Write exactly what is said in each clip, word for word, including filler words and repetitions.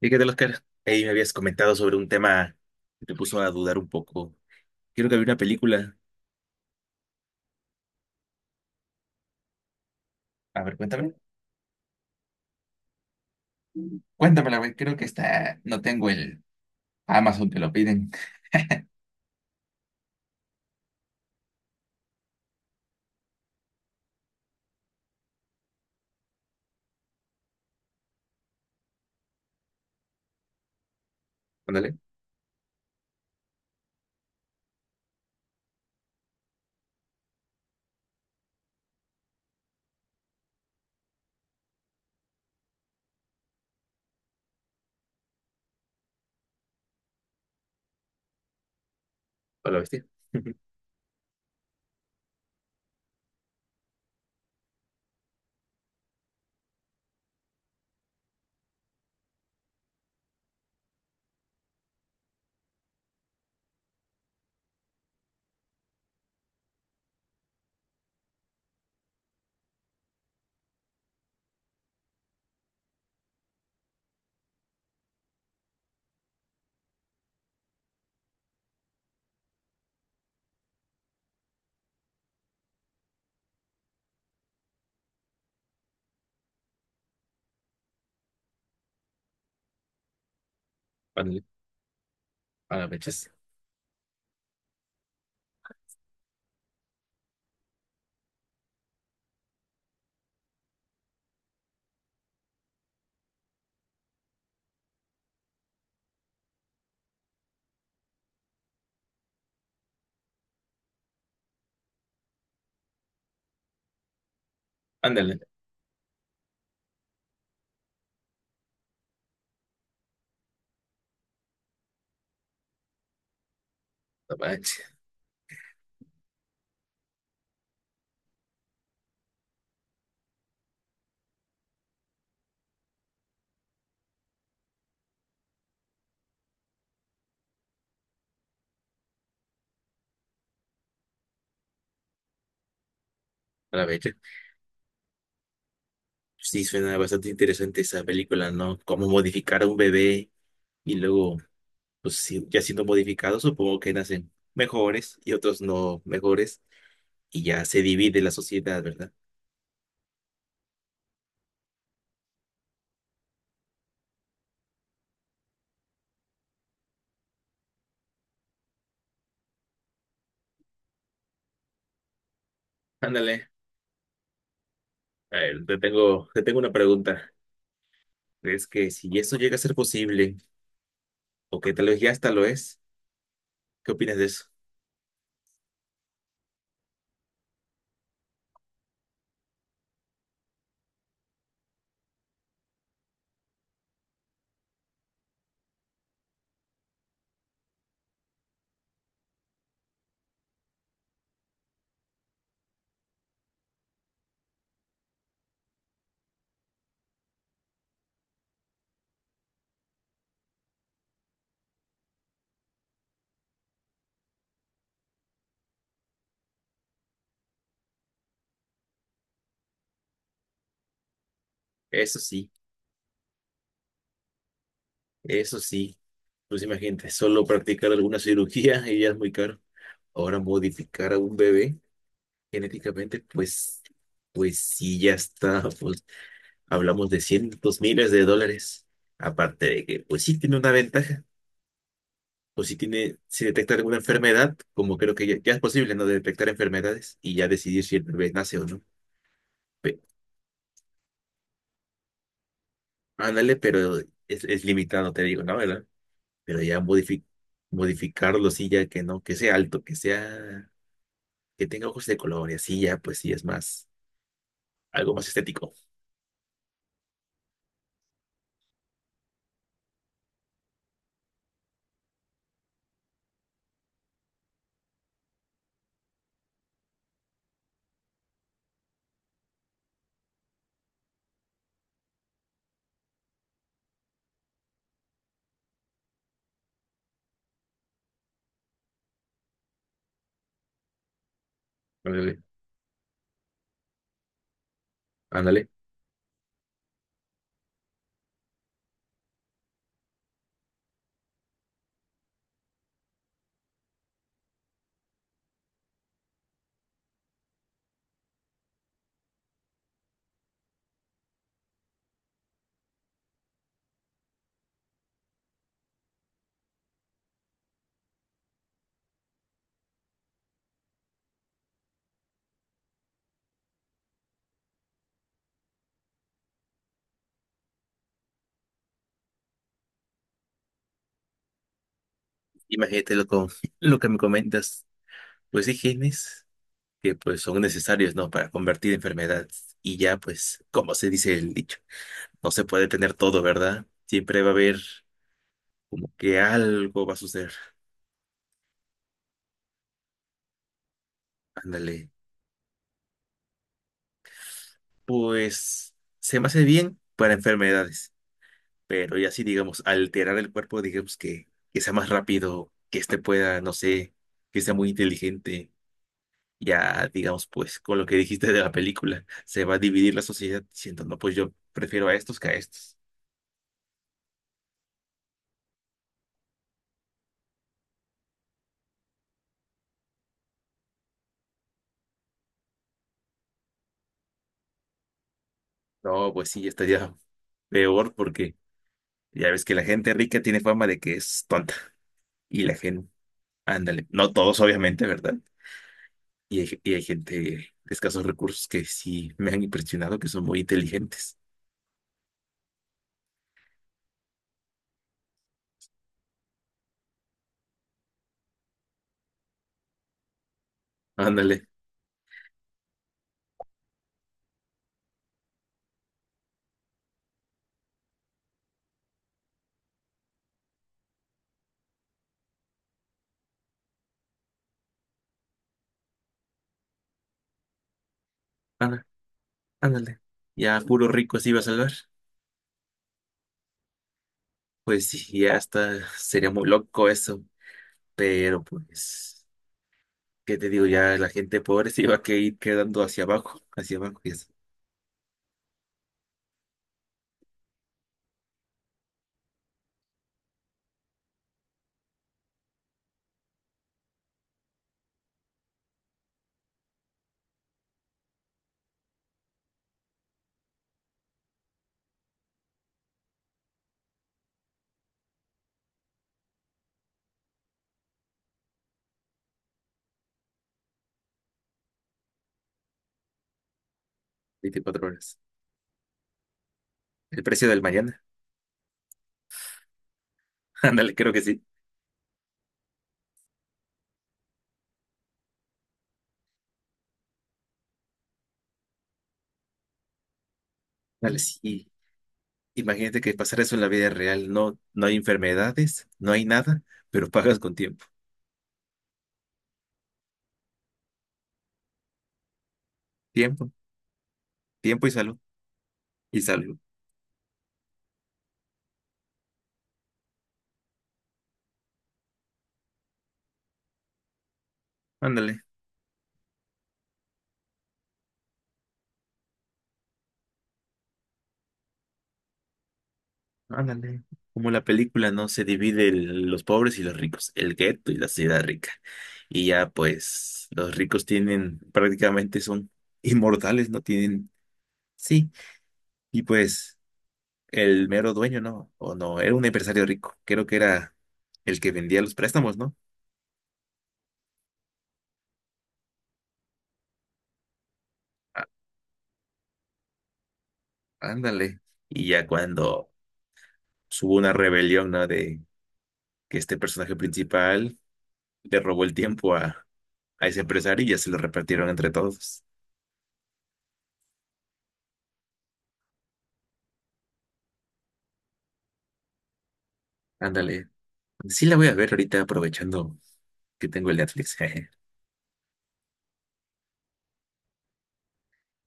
¿Y qué tal, Oscar? Ahí me habías comentado sobre un tema que te puso a dudar un poco. Creo que había una película. A ver, cuéntame. Cuéntamela, güey. Creo que está. No tengo el Amazon, te lo piden. Ándale, a la bestia. Ándale, a la bechas. Ándale, a la becha, a la becha. Sí, suena bastante interesante esa película, ¿no? Cómo modificar a un bebé y luego, pues sí, ya siendo modificado, supongo que nacen mejores y otros no mejores y ya se divide la sociedad, ¿verdad? Ándale. A ver, te tengo, te tengo una pregunta. Es que si eso llega a ser posible, o que tal vez ya hasta lo es, ¿qué opinas de eso? Eso sí, eso sí. Pues imagínate, solo practicar alguna cirugía y ya es muy caro. Ahora modificar a un bebé genéticamente, pues, pues sí, ya está. Pues hablamos de cientos miles de dólares. Aparte de que, pues sí tiene una ventaja. Pues sí tiene, si detecta alguna enfermedad, como creo que ya, ya es posible, ¿no? De detectar enfermedades y ya decidir si el bebé nace o no. Ándale, pero es, es limitado, te digo, ¿no? ¿Verdad? Pero ya modifi- modificarlo, sí, ya que no, que sea alto, que sea, que tenga ojos de color y así ya, pues sí, es más, algo más estético. Ándale, ándale. Imagínate lo, co- lo que me comentas, pues sí, genes que pues son necesarios, ¿no? Para convertir enfermedades. Y ya, pues, como se dice el dicho, no se puede tener todo, ¿verdad? Siempre va a haber como que algo va a suceder. Ándale. Pues se me hace bien para enfermedades. Pero ya sí, digamos, alterar el cuerpo, digamos que, que sea más rápido, que este pueda, no sé, que sea muy inteligente. Ya, digamos, pues con lo que dijiste de la película, se va a dividir la sociedad diciendo, no, pues yo prefiero a estos que a estos. No, pues sí, estaría peor porque ya ves que la gente rica tiene fama de que es tonta. Y la gente, ándale, no todos obviamente, ¿verdad? Y hay, y hay gente de escasos recursos que sí me han impresionado, que son muy inteligentes. Ándale. Ándale. Ya puro rico se iba a salvar. Pues sí, ya está, sería muy loco eso. Pero pues, ¿qué te digo? Ya la gente pobre se iba a que ir quedando hacia abajo, hacia abajo, y eso, veinticuatro horas. El precio del mañana. Ándale, creo que sí. Ándale, sí. Imagínate que pasara eso en la vida real. No, no hay enfermedades, no hay nada, pero pagas con tiempo. Tiempo, tiempo y salud. Y salud. Ándale. Ándale. Como la película, ¿no? Se divide el- los pobres y los ricos, el gueto y la ciudad rica. Y ya, pues, los ricos tienen, prácticamente son inmortales, ¿no? Tienen, sí. Y pues, el mero dueño, ¿no? O no, era un empresario rico. Creo que era el que vendía los préstamos, ¿no? Á- ándale. Y ya cuando hubo una rebelión, ¿no? De que este personaje principal le robó el tiempo a, a ese empresario y ya se lo repartieron entre todos. Ándale. Sí la voy a ver ahorita aprovechando que tengo el Netflix.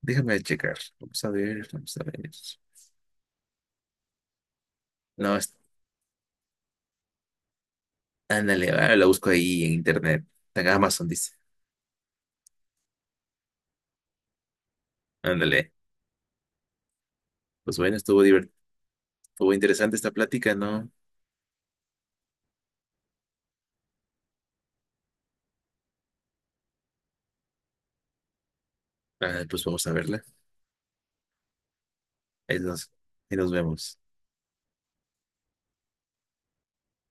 Déjame checar. Vamos a ver, vamos a ver. No, es- ándale, ah, la busco ahí en internet. En Amazon dice. Ándale. Pues bueno, estuvo divert- estuvo interesante esta plática, ¿no? Ah, pues vamos a verla. Ahí nos, ahí nos vemos.